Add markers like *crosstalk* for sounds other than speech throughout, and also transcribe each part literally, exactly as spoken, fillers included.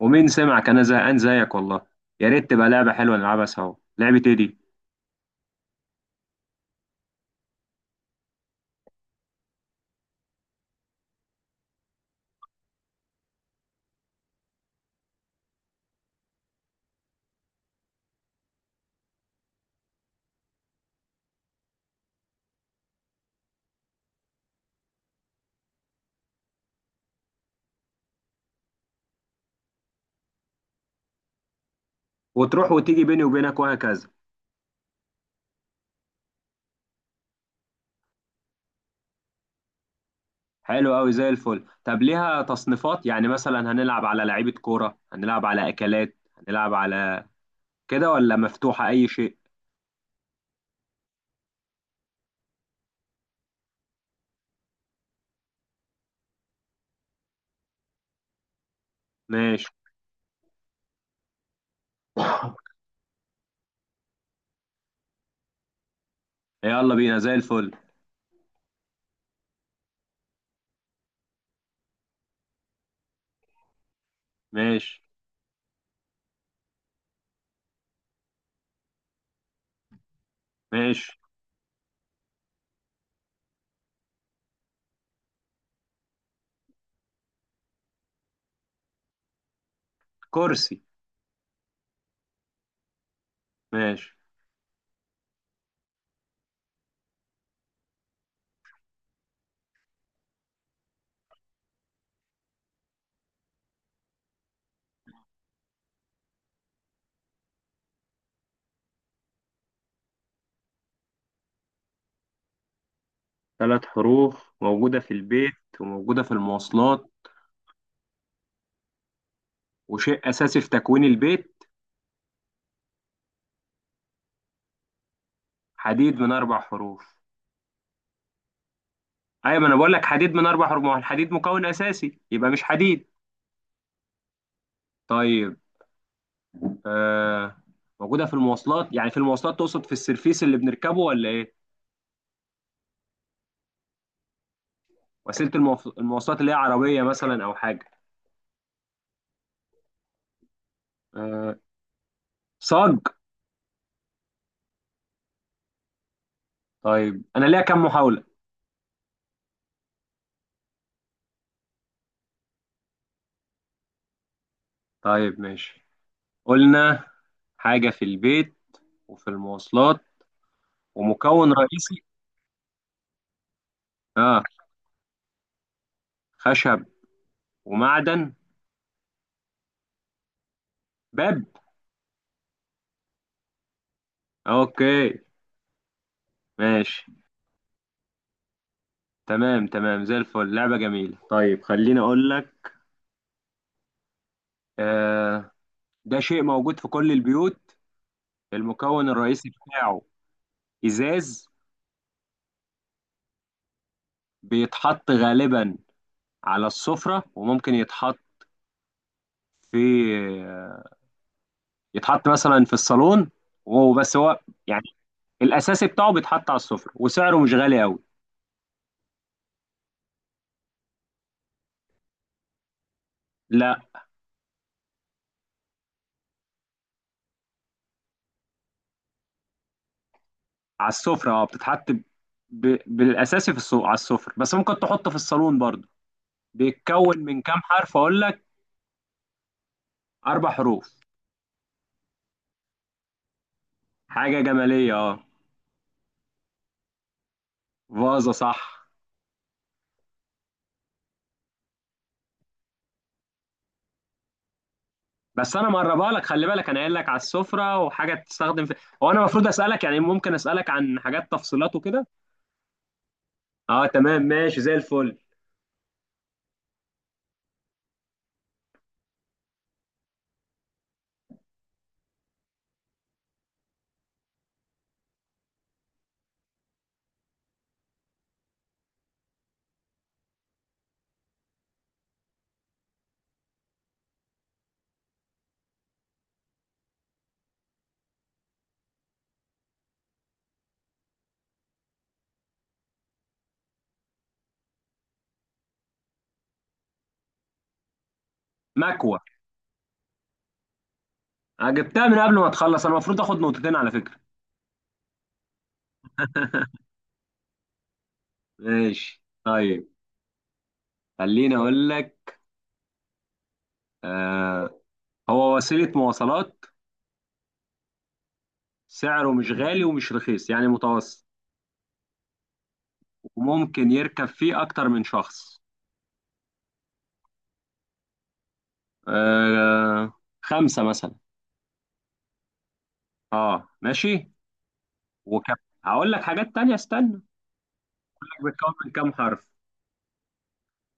ومين سمعك؟ انا زهقان زيك والله. يا ريت تبقى لعبه حلوه نلعبها سوا، لعبه ايه دي؟ وتروح وتيجي بيني وبينك وهكذا. حلو قوي زي الفل. طب ليها تصنيفات؟ يعني مثلا هنلعب على لعيبه كوره، هنلعب على اكلات، هنلعب على كده ولا مفتوحه اي شيء؟ ماشي. يلا بينا زي الفل. ماشي. ماشي. كرسي. ماشي. ثلاث حروف موجودة في البيت، وموجودة في المواصلات، وشيء أساسي في تكوين البيت. حديد من أربع حروف. ايوه، ما انا بقول لك حديد من اربع رموح، الحديد مكون اساسي يبقى مش حديد. طيب. آه. موجوده في المواصلات، يعني في المواصلات تقصد في السرفيس اللي بنركبه ولا ايه؟ وسيله المواف- المواصلات اللي هي عربيه مثلا او حاجه. آه. صاج. طيب انا ليا كام محاوله؟ طيب ماشي. قلنا حاجه في البيت وفي المواصلات ومكون رئيسي. اه. خشب ومعدن. باب. اوكي. ماشي. تمام تمام زي الفل، لعبه جميله. طيب خليني اقول لك. آه، ده شيء موجود في كل البيوت، المكون الرئيسي بتاعه ازاز. بيتحط غالبا على السفرة، وممكن يتحط في يتحط مثلا في الصالون. وهو بس هو يعني الاساسي بتاعه بيتحط على السفرة، وسعره مش غالي قوي. لا. على السفرة اه. بتتحط ب... ب- بالاساسي في السوق على السفرة، بس ممكن تحطه في الصالون برضه. بيتكون من كام حرف اقول لك؟ اربع حروف. حاجة جمالية اه. فازة صح. بس انا مقربها لك، خلي بالك انا قايل لك على السفره وحاجه تستخدم في. هو انا المفروض اسالك، يعني ممكن اسالك عن حاجات تفصيلات وكده. اه تمام ماشي زي الفل. مكوه. انا جبتها من قبل ما تخلص، انا المفروض اخد نقطتين على فكره. *laughs* ماشي طيب. خليني اقول لك. آه. هو وسيله مواصلات. سعره مش غالي ومش رخيص يعني متوسط. وممكن يركب فيه اكتر من شخص. آه. خمسه مثلا. اه ماشي. وكم، هقول لك حاجات تانية استنى. بتكون من كام حرف؟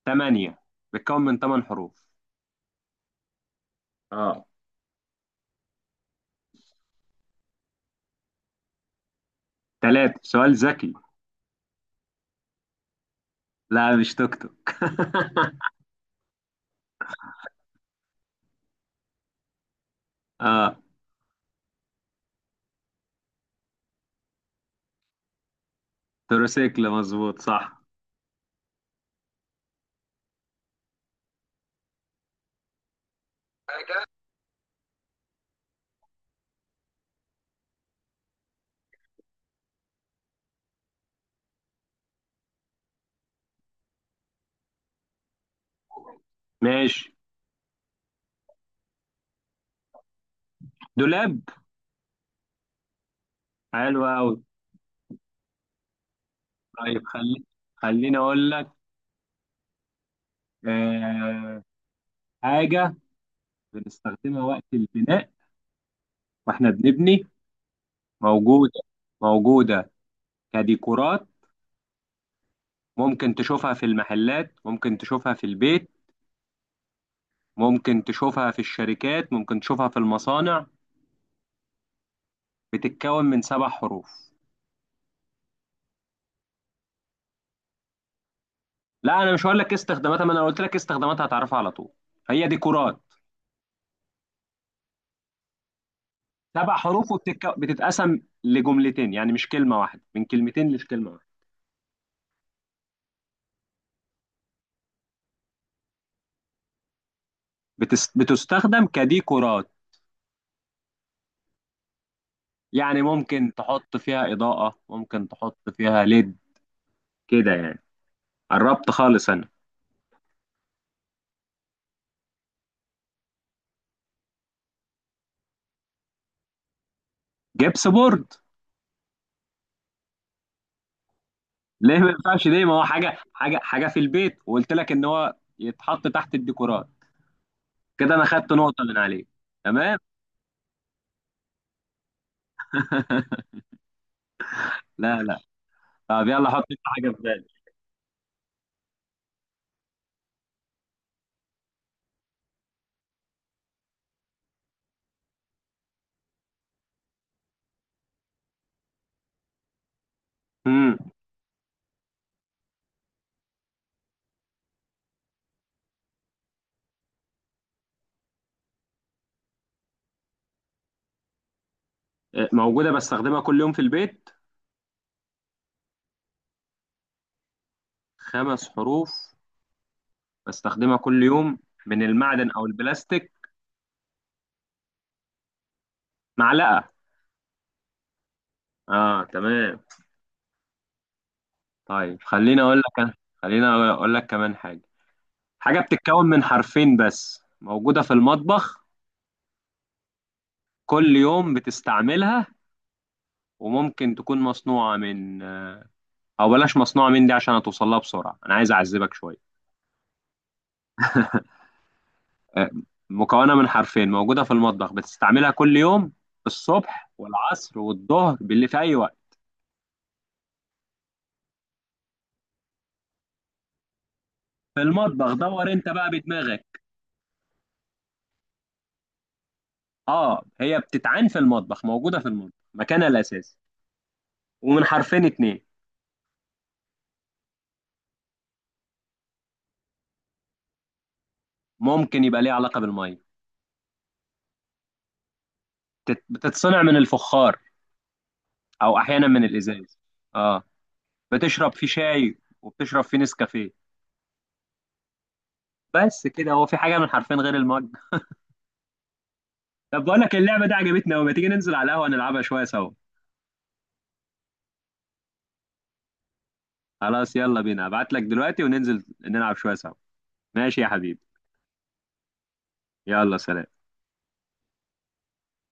ثمانية. بيتكون من ثمان حروف اه. ثلاثة. سؤال ذكي. لا مش توك توك. *laughs* اه. تروسيكل مظبوط صح. ماشي. دولاب. حلو قوي. طيب خلي خليني اقول لك. آه... حاجة بنستخدمها وقت البناء، واحنا بنبني. موجودة. موجودة كديكورات، ممكن تشوفها في المحلات، ممكن تشوفها في البيت، ممكن تشوفها في الشركات، ممكن تشوفها في المصانع. بتتكون من سبع حروف. لا انا مش هقول لك إيه استخداماتها، ما انا قلت لك إيه استخداماتها هتعرفها على طول. هي ديكورات. سبع حروف وبتتك... بتتقسم لجملتين، يعني مش كلمه واحده، من كلمتين مش كلمه واحده. بتس... بتستخدم كديكورات، يعني ممكن تحط فيها اضاءه، ممكن تحط فيها ليد. كده يعني. قربت خالص انا. جبس بورد. ليه ما ينفعش؟ ليه؟ ما هو حاجه حاجه حاجه في البيت، وقلت لك ان هو يتحط تحت الديكورات. كده انا خدت نقطه من عليه. تمام. *laughs* لا لا. طب يلا حط انت حاجه في بالك. امم. موجودة بستخدمها كل يوم في البيت. خمس حروف. بستخدمها كل يوم، من المعدن أو البلاستيك. معلقة. آه تمام. طيب خليني أقول لك أنا. خليني أقول لك كمان حاجة. حاجة بتتكون من حرفين بس موجودة في المطبخ. كل يوم بتستعملها. وممكن تكون مصنوعة من أو بلاش مصنوعة من دي عشان هتوصلها بسرعة، أنا عايز أعذبك شوية. آه، مكونة من حرفين، موجودة في المطبخ، بتستعملها كل يوم، الصبح والعصر والظهر باللي في أي وقت. في المطبخ دور انت بقى بدماغك. اه هي بتتعان في المطبخ، موجوده في المطبخ، مكانها الاساسي، ومن حرفين اتنين. ممكن يبقى ليه علاقه بالميه. بتت- بتتصنع من الفخار او احيانا من الازاز. اه بتشرب فيه شاي وبتشرب فيه نسكافيه. بس كده. هو في حاجه من حرفين غير المج؟ طب بقول لك اللعبه دي عجبتني قوي، ما تيجي ننزل على القهوه نلعبها شويه سوا. خلاص يلا بينا، ابعت لك دلوقتي وننزل نلعب شويه سوا. ماشي يا حبيبي. يلا سلام.